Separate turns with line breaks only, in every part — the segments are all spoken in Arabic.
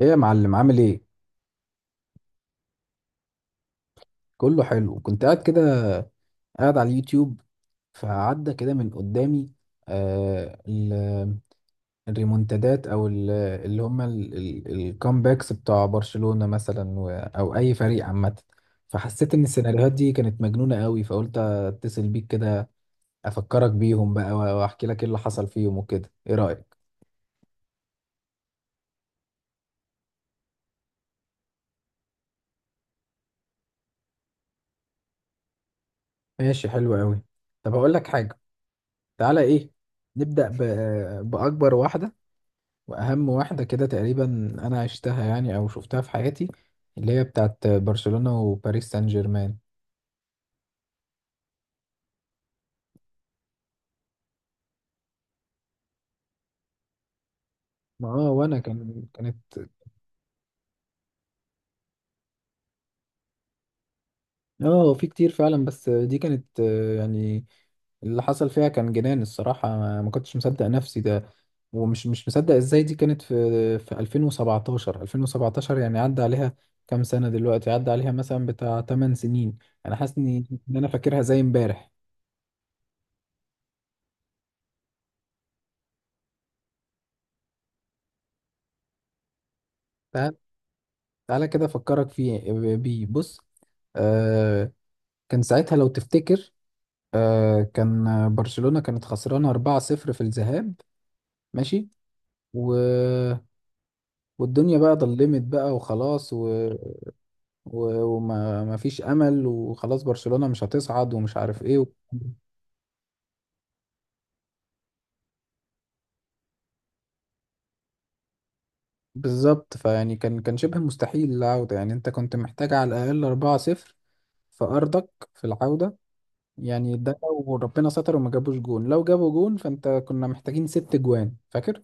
ايه يا معلم، عامل ايه؟ كله حلو، كنت قاعد كده، قاعد على اليوتيوب، فعدى كده من قدامي آه ال- الريمونتادات او اللي هم الكامباكس بتاع برشلونة مثلا او اي فريق عامة. فحسيت ان السيناريوهات دي كانت مجنونة قوي، فقلت اتصل بيك كده، افكرك بيهم بقى واحكي لك ايه اللي حصل فيهم وكده. ايه رأيك؟ ماشي، حلو قوي. طب هقول لك حاجة، تعالى. ايه، نبدأ بأكبر واحدة واهم واحده كده، تقريبا انا عشتها يعني او شفتها في حياتي، اللي هي بتاعت برشلونه وباريس سان جيرمان. ما اه، وانا كانت اه، في كتير فعلا، بس دي كانت يعني اللي حصل فيها كان جنان. الصراحه ما كنتش مصدق نفسي ده، ومش مش مصدق ازاي. دي كانت في 2017، يعني عدى عليها كام سنه دلوقتي، عدى عليها مثلا بتاع 8 سنين. انا حاسس ان، إن انا فاكرها زي امبارح. ده تعالى كده افكرك فيه، بيه بص. آه، كان ساعتها لو تفتكر، كان برشلونة كانت خسرانة 4-0 في الذهاب، ماشي. و... والدنيا بقى ضلمت بقى وخلاص، وما ما فيش امل، وخلاص برشلونة مش هتصعد ومش عارف ايه بالظبط. فيعني كان شبه مستحيل العودة، يعني انت كنت محتاج على الاقل 4-0 في ارضك في العودة. يعني ده لو ربنا ستر وما جابوش جون، لو جابوا جون فانت كنا محتاجين ست جوان، فاكر.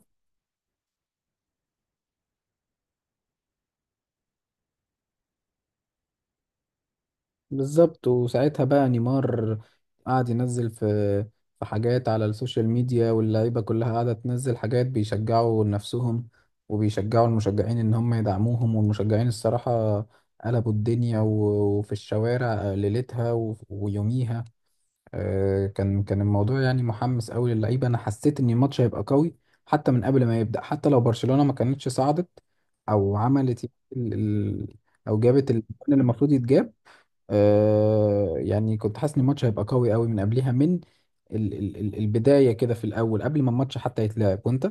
بالظبط. وساعتها بقى نيمار قعد ينزل في حاجات على السوشيال ميديا، واللعيبة كلها قاعدة تنزل حاجات بيشجعوا نفسهم وبيشجعوا المشجعين ان هم يدعموهم. والمشجعين الصراحة قلبوا الدنيا وفي الشوارع ليلتها ويوميها. كان الموضوع يعني محمس قوي للعيبه، انا حسيت ان الماتش هيبقى قوي حتى من قبل ما يبدا، حتى لو برشلونه ما كانتش صعدت او عملت يعني ال... ال... او جابت الجون اللي المفروض يتجاب. آه، يعني كنت حاسس ان الماتش هيبقى قوي قوي من قبلها، من البدايه كده في الاول قبل ما الماتش حتى يتلعب. وانت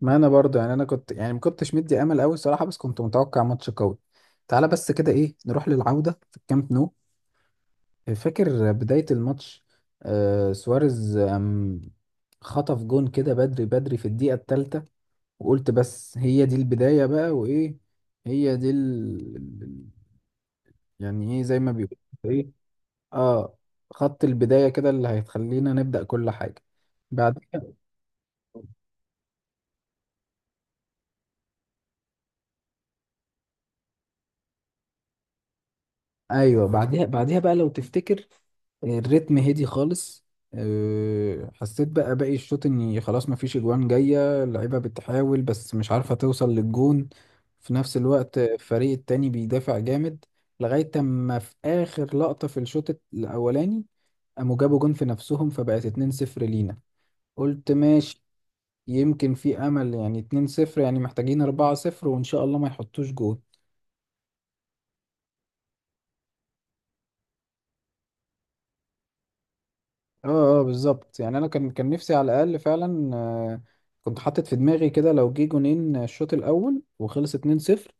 ما انا برضه يعني، انا كنت يعني ما كنتش مدي امل قوي الصراحه، بس كنت متوقع ماتش قوي. تعالى بس كده، ايه، نروح للعوده في الكامب نو. فاكر بداية الماتش؟ سواريز خطف جون كده بدري بدري في الدقيقة الثالثة. وقلت بس هي دي البداية بقى، وإيه، هي دي يعني إيه زي ما بيقول، إيه، آه، خط البداية كده اللي هيخلينا نبدأ كل حاجة بعد. ايوه، بعديها بقى لو تفتكر الريتم هدي خالص. حسيت بقى باقي الشوط اني خلاص مفيش اجوان جايه، اللعيبه بتحاول بس مش عارفه توصل للجون، في نفس الوقت الفريق التاني بيدافع جامد، لغايه اما في اخر لقطه في الشوط الاولاني قاموا جابوا جون في نفسهم، فبقت 2-0 لينا. قلت ماشي، يمكن في امل يعني، 2-0 يعني محتاجين 4-0 وان شاء الله ما يحطوش جون. اه اه، بالظبط. يعني انا كان نفسي على الاقل فعلا كنت حاطط في دماغي كده لو جه جونين الشوط الاول وخلص 2-0،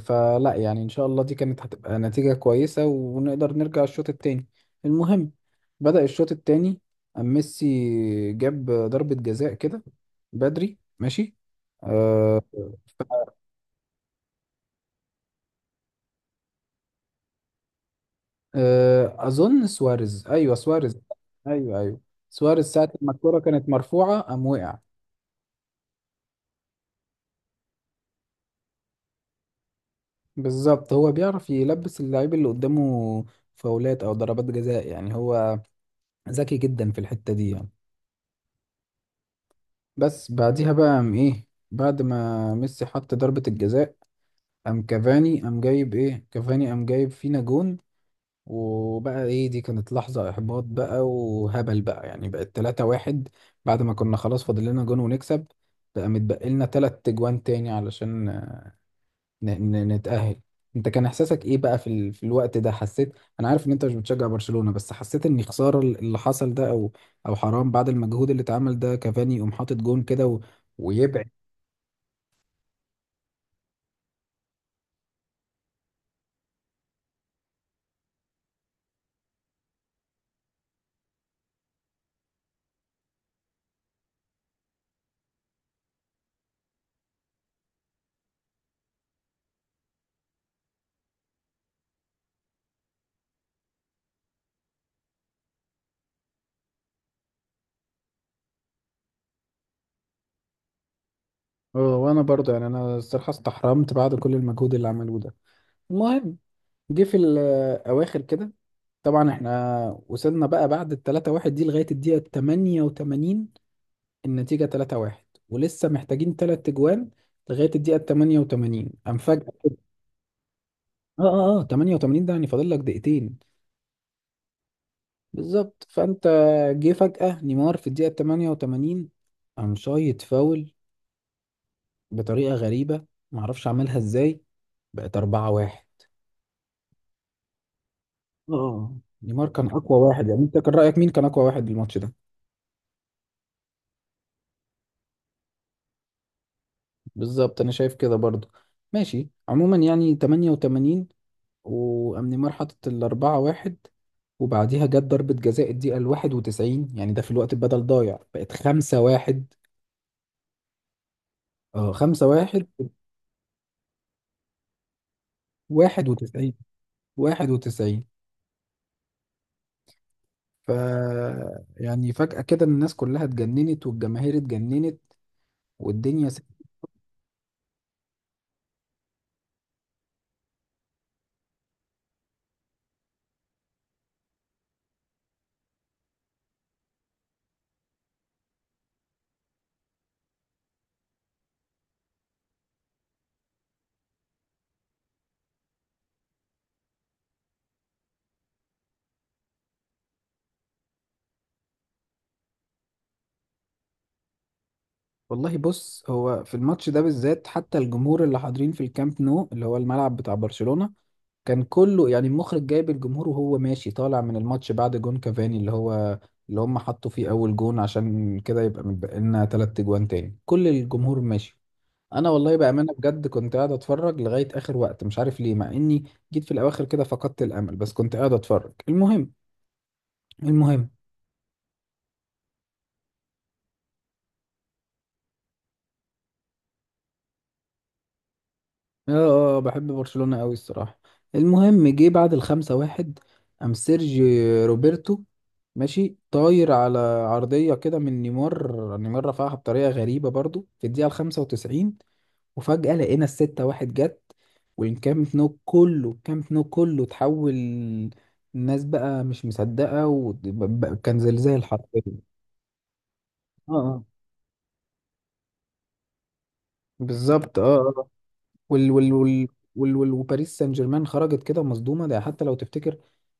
فلا يعني ان شاء الله دي كانت هتبقى نتيجة كويسة ونقدر نرجع الشوط التاني. المهم، بدأ الشوط التاني، ميسي جاب ضربة جزاء كده بدري، ماشي. آه، اظن سواريز، ايوه سواريز. ايوه ايوه، سواريز ساعة ما الكرة كانت مرفوعة قام وقع. بالظبط، هو بيعرف يلبس اللعيب اللي قدامه فاولات او ضربات جزاء، يعني هو ذكي جدا في الحتة دي يعني. بس بعديها بقى قام ايه، بعد ما ميسي حط ضربة الجزاء، قام كافاني، قام جايب ايه، كافاني قام جايب فينا جون. وبقى ايه، دي كانت لحظة احباط بقى وهبل بقى، يعني بقت 3 واحد. بعد ما كنا خلاص فاضل لنا جون ونكسب، بقى متبقي لنا 3 جوان تاني علشان نتأهل. انت كان احساسك ايه بقى في، في الوقت ده؟ حسيت، انا عارف ان انت مش بتشجع برشلونة، بس حسيت ان خسارة اللي حصل ده، او او حرام بعد المجهود اللي اتعمل ده، كافاني يقوم حاطط جون كده ويبعد. اه، وانا برضه يعني، انا الصراحة استحرمت بعد كل المجهود اللي عملوه ده. المهم، جه في الاواخر كده، طبعا احنا وصلنا بقى بعد ال 3-1 دي لغاية الدقيقة 88، النتيجة 3-1 ولسه محتاجين تلات اجوان. لغاية الدقيقة 88 قام فجأة، اه اه اه، 88 ده يعني فاضل لك دقيقتين. بالظبط. فانت، جه فجأة نيمار في الدقيقة 88، قام شايط فاول بطريقة غريبة معرفش عملها ازاي، بقت 4 1. اه، نيمار كان اقوى واحد. يعني انت كان رأيك مين كان اقوى واحد بالماتش ده؟ بالظبط، انا شايف كده برضو. ماشي، عموما يعني 88، وقام نيمار حاطط ال 4 1، وبعديها جت ضربة جزاء الدقيقة ال 91، يعني ده في الوقت بدل ضايع، بقت 5 1. اه، 5-1. واحد وتسعين. واحد وتسعين ف يعني فجأة كده الناس كلها اتجننت والجماهير اتجننت والدنيا والله بص، هو في الماتش ده بالذات حتى الجمهور اللي حاضرين في الكامب نو اللي هو الملعب بتاع برشلونة، كان كله يعني المخرج جايب الجمهور وهو ماشي طالع من الماتش بعد جون كافاني اللي هو اللي هم حطوا فيه أول جون، عشان كده يبقى متبقى لنا تلات أجوان تاني، كل الجمهور ماشي. انا والله بامانه بجد كنت قاعد اتفرج لغايه اخر وقت، مش عارف ليه. مع اني جيت في الاواخر كده فقدت الامل، بس كنت قاعد اتفرج. المهم، المهم اه، بحب برشلونه قوي الصراحه. المهم، جه بعد الخمسة واحد، قام سيرجي روبرتو ماشي طاير على عرضيه كده من نيمار، رفعها بطريقه غريبه برضو في الدقيقه الخمسة وتسعين، وفجأة لقينا الستة واحد جت. والكامب نو كله، اتحول. الناس بقى مش مصدقة، وكان زلزال حرفيا. اه اه، بالظبط، اه اه آه. وال وال وال وال وال وباريس سان جيرمان خرجت كده مصدومة. ده حتى لو تفتكر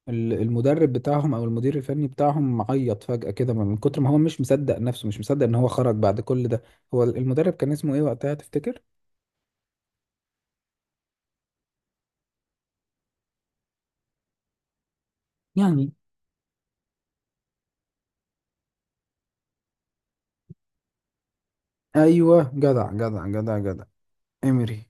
المدرب بتاعهم او المدير الفني بتاعهم عيط فجأة كده من كتر ما هو مش مصدق نفسه، مش مصدق ان هو خرج بعد كل ده. هو المدرب كان اسمه ايه وقتها تفتكر؟ يعني، ايوه، جدع جدع جدع جدع. امري.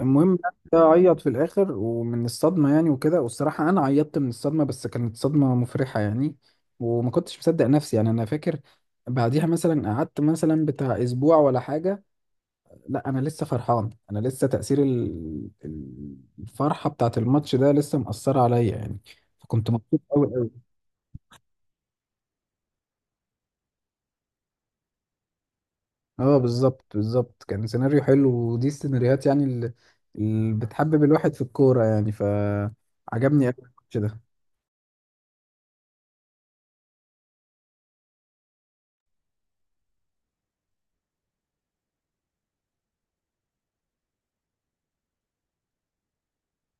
المهم يعني ده عيط في الاخر ومن الصدمه يعني وكده، والصراحه انا عيطت من الصدمه، بس كانت صدمه مفرحه يعني، وما كنتش مصدق نفسي. يعني انا فاكر بعديها مثلا قعدت مثلا بتاع اسبوع ولا حاجه، لا، انا لسه فرحان، انا لسه تاثير الفرحه بتاعت الماتش ده لسه مأثره عليا يعني، فكنت مبسوط قوي قوي. اه بالظبط، كان سيناريو حلو، ودي السيناريوهات يعني اللي، اللي بتحبب الواحد في الكوره يعني، فعجبني قوي الماتش ده.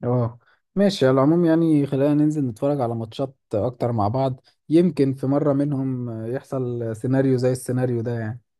اه. ماشي، على العموم يعني خلينا ننزل نتفرج على ماتشات اكتر مع بعض، يمكن في مرة منهم يحصل سيناريو زي السيناريو ده يعني.